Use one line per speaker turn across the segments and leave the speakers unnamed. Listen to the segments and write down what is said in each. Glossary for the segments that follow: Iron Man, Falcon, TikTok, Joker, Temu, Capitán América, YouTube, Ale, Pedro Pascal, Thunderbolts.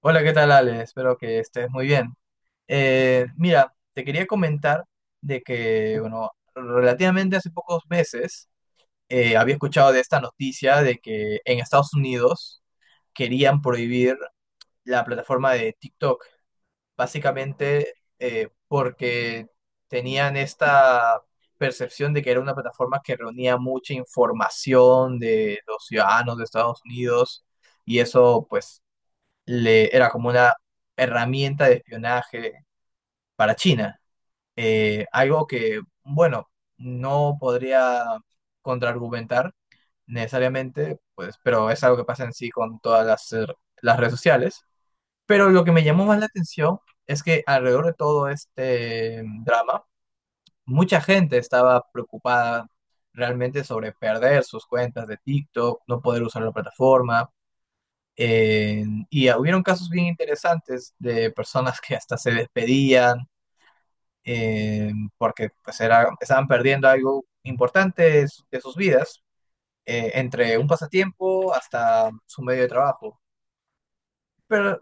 Hola, ¿qué tal, Ale? Espero que estés muy bien. Mira, te quería comentar de que, bueno, relativamente hace pocos meses había escuchado de esta noticia de que en Estados Unidos querían prohibir la plataforma de TikTok, básicamente porque tenían esta percepción de que era una plataforma que reunía mucha información de los ciudadanos de Estados Unidos y eso, pues, era como una herramienta de espionaje para China. Algo que, bueno, no podría contraargumentar necesariamente, pues, pero es algo que pasa en sí con todas las redes sociales. Pero lo que me llamó más la atención es que alrededor de todo este drama, mucha gente estaba preocupada realmente sobre perder sus cuentas de TikTok, no poder usar la plataforma eh, y hubieron casos bien interesantes de personas que hasta se despedían eh, porque pues era, estaban perdiendo algo importante de de sus vidas, entre un pasatiempo hasta su medio de trabajo. Pero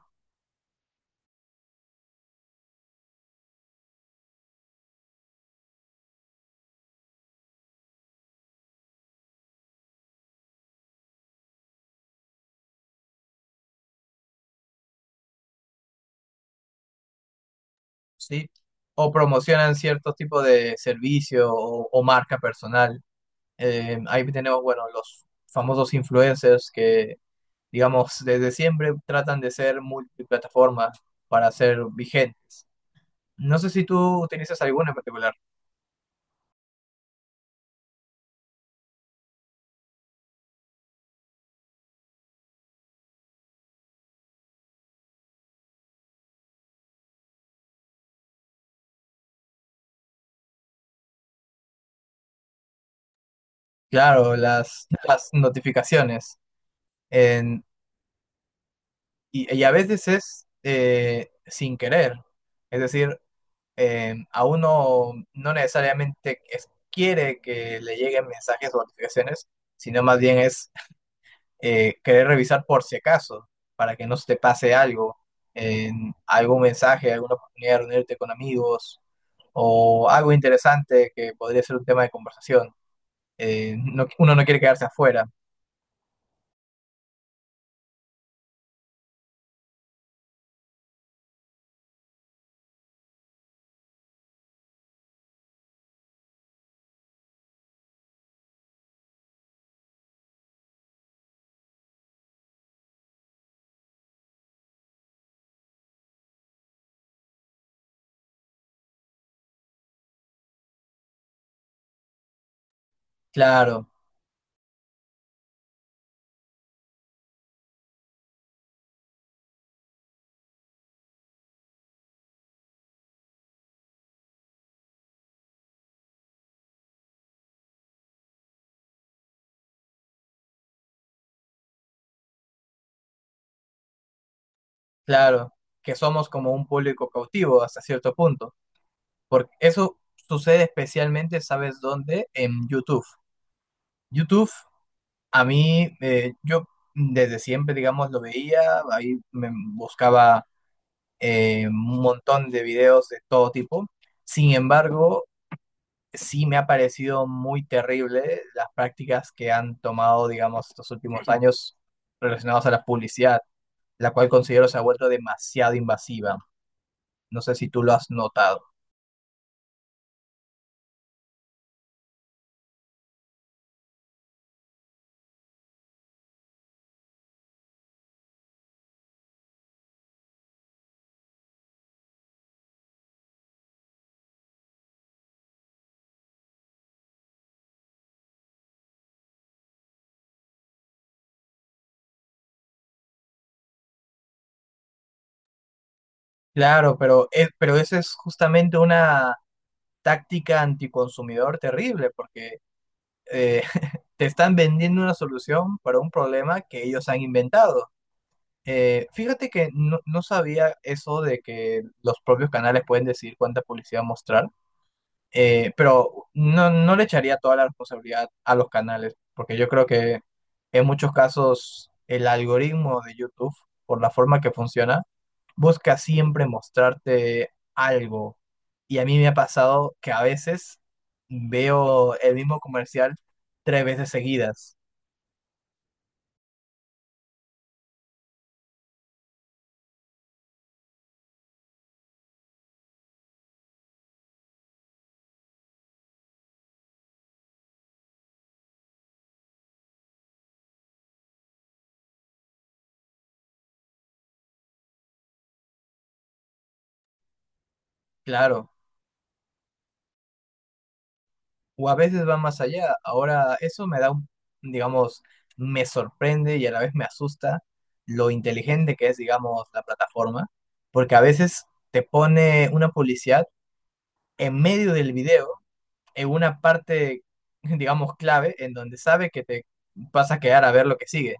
sí, o promocionan ciertos tipos de servicio o marca personal. Ahí tenemos, bueno, los famosos influencers que, digamos, desde siempre tratan de ser multiplataforma para ser vigentes. No sé si tú utilizas alguna en particular. Claro, las notificaciones. en- y, y a veces es sin querer. Es decir, a uno no necesariamente quiere que le lleguen mensajes o notificaciones, sino más bien es querer revisar por si acaso, para que no se te pase algo, en algún mensaje, alguna oportunidad de reunirte con amigos o algo interesante que podría ser un tema de conversación. Uno no quiere quedarse afuera. Claro, claro, que somos como un público cautivo hasta cierto punto, porque eso sucede especialmente, ¿sabes dónde? En YouTube. YouTube, a mí, yo desde siempre, digamos, lo veía, ahí me buscaba un montón de videos de todo tipo. Sin embargo, sí me ha parecido muy terrible las prácticas que han tomado, digamos, estos últimos años relacionados a la publicidad, la cual considero se ha vuelto demasiado invasiva. No sé si tú lo has notado. Claro, pero esa es justamente una táctica anticonsumidor terrible, porque eh, te están vendiendo una solución para un problema que ellos han inventado. Fíjate que no, no sabía eso de que los propios canales pueden decidir cuánta publicidad mostrar. Pero no, no le echaría toda la responsabilidad a los canales, porque yo creo que en muchos casos el algoritmo de YouTube, por la forma que funciona, busca siempre mostrarte algo. Y a mí me ha pasado que a veces veo el mismo comercial 3 veces seguidas. Claro, o a veces va más allá. Ahora, eso me da un, digamos, me sorprende y a la vez me asusta lo inteligente que es, digamos, la plataforma, porque a veces te pone una publicidad en medio del video, en una parte, digamos, clave, en donde sabe que te vas a quedar a ver lo que sigue.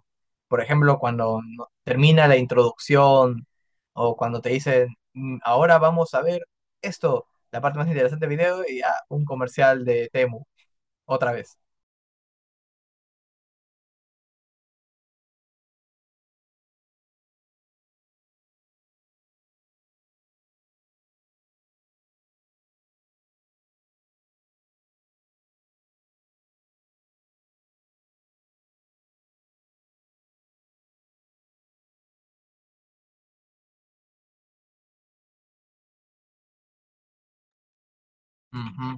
Por ejemplo, cuando termina la introducción o cuando te dicen, "Mm, ahora vamos a ver esto, la parte más interesante del video, y un comercial de Temu, otra vez". Ujú.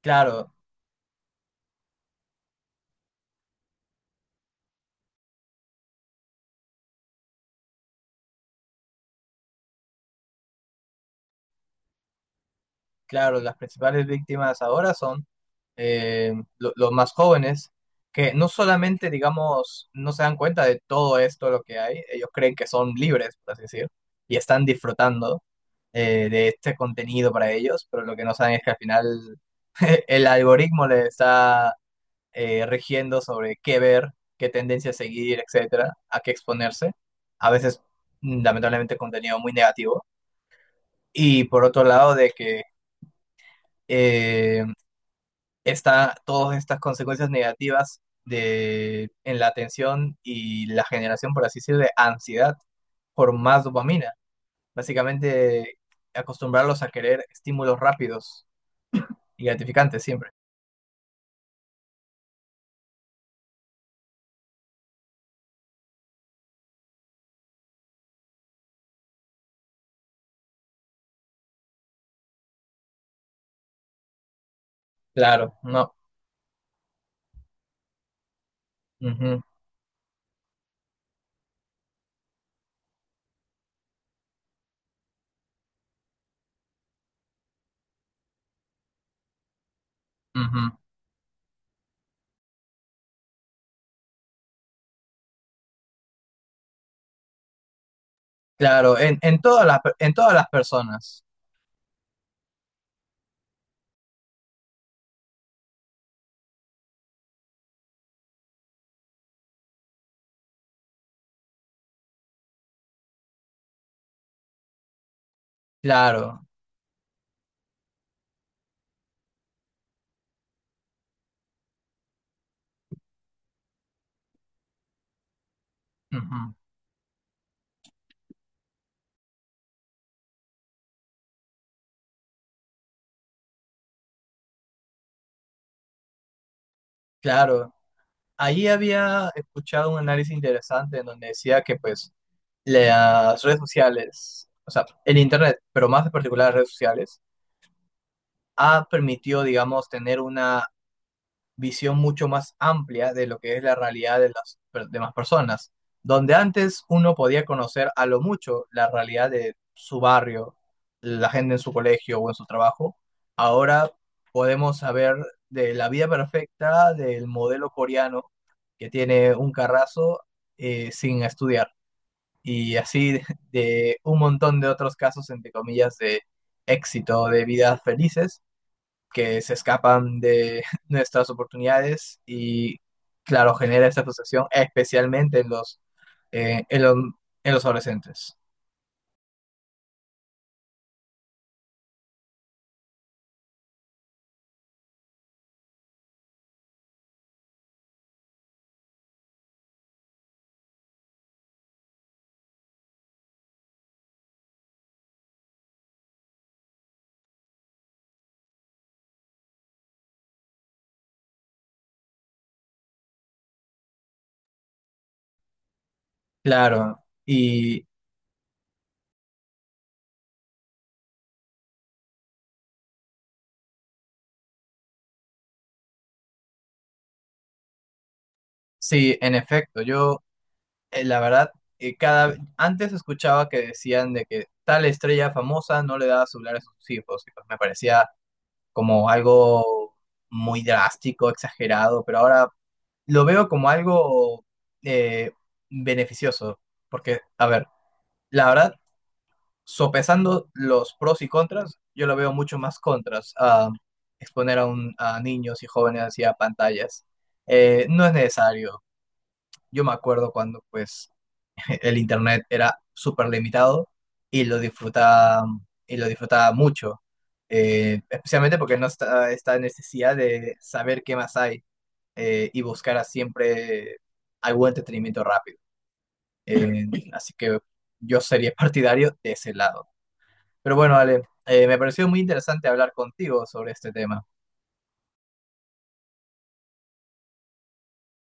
Claro, claro, las principales víctimas ahora son los más jóvenes, que no solamente, digamos, no se dan cuenta de todo esto lo que hay, ellos creen que son libres, por así decir, y están disfrutando de este contenido para ellos, pero lo que no saben es que al final el algoritmo les está rigiendo sobre qué ver, qué tendencia seguir, etcétera, a qué exponerse, a veces lamentablemente contenido muy negativo, y por otro lado de que eh, está todas estas consecuencias negativas de, en la atención y la generación, por así decirlo, de ansiedad por más dopamina. Básicamente, acostumbrarlos a querer estímulos rápidos y gratificantes siempre. Claro, no. Ujú, ujú. Claro, en todas en todas las personas. Claro, ujú, claro. Ahí había escuchado un análisis interesante en donde decía que pues las redes sociales, o sea, el Internet, pero más en particular las redes sociales, ha permitido, digamos, tener una visión mucho más amplia de lo que es la realidad de demás personas. Donde antes uno podía conocer a lo mucho la realidad de su barrio, la gente en su colegio o en su trabajo, ahora podemos saber de la vida perfecta del modelo coreano que tiene un carrazo sin estudiar y así de un montón de otros casos, entre comillas, de éxito, de vidas felices, que se escapan de nuestras oportunidades y, claro, genera esta frustración, especialmente en eh, en los, en los adolescentes. Claro, y sí, en efecto, yo, la verdad, cada, antes escuchaba que decían de que tal estrella famosa no le daba celular a sus hijos, y pues me parecía como algo muy drástico, exagerado, pero ahora lo veo como algo eh, beneficioso, porque, a ver, la verdad, sopesando los pros y contras, yo lo veo mucho más contras a exponer a, un, a niños y jóvenes hacia pantallas. No es necesario. Yo me acuerdo cuando pues el internet era súper limitado y lo disfrutaba, y lo disfrutaba mucho, especialmente porque no está esta necesidad de saber qué más hay y buscar siempre algún entretenimiento rápido. Eh, así que yo sería partidario de ese lado. Pero bueno, Ale, me pareció muy interesante hablar contigo sobre este tema.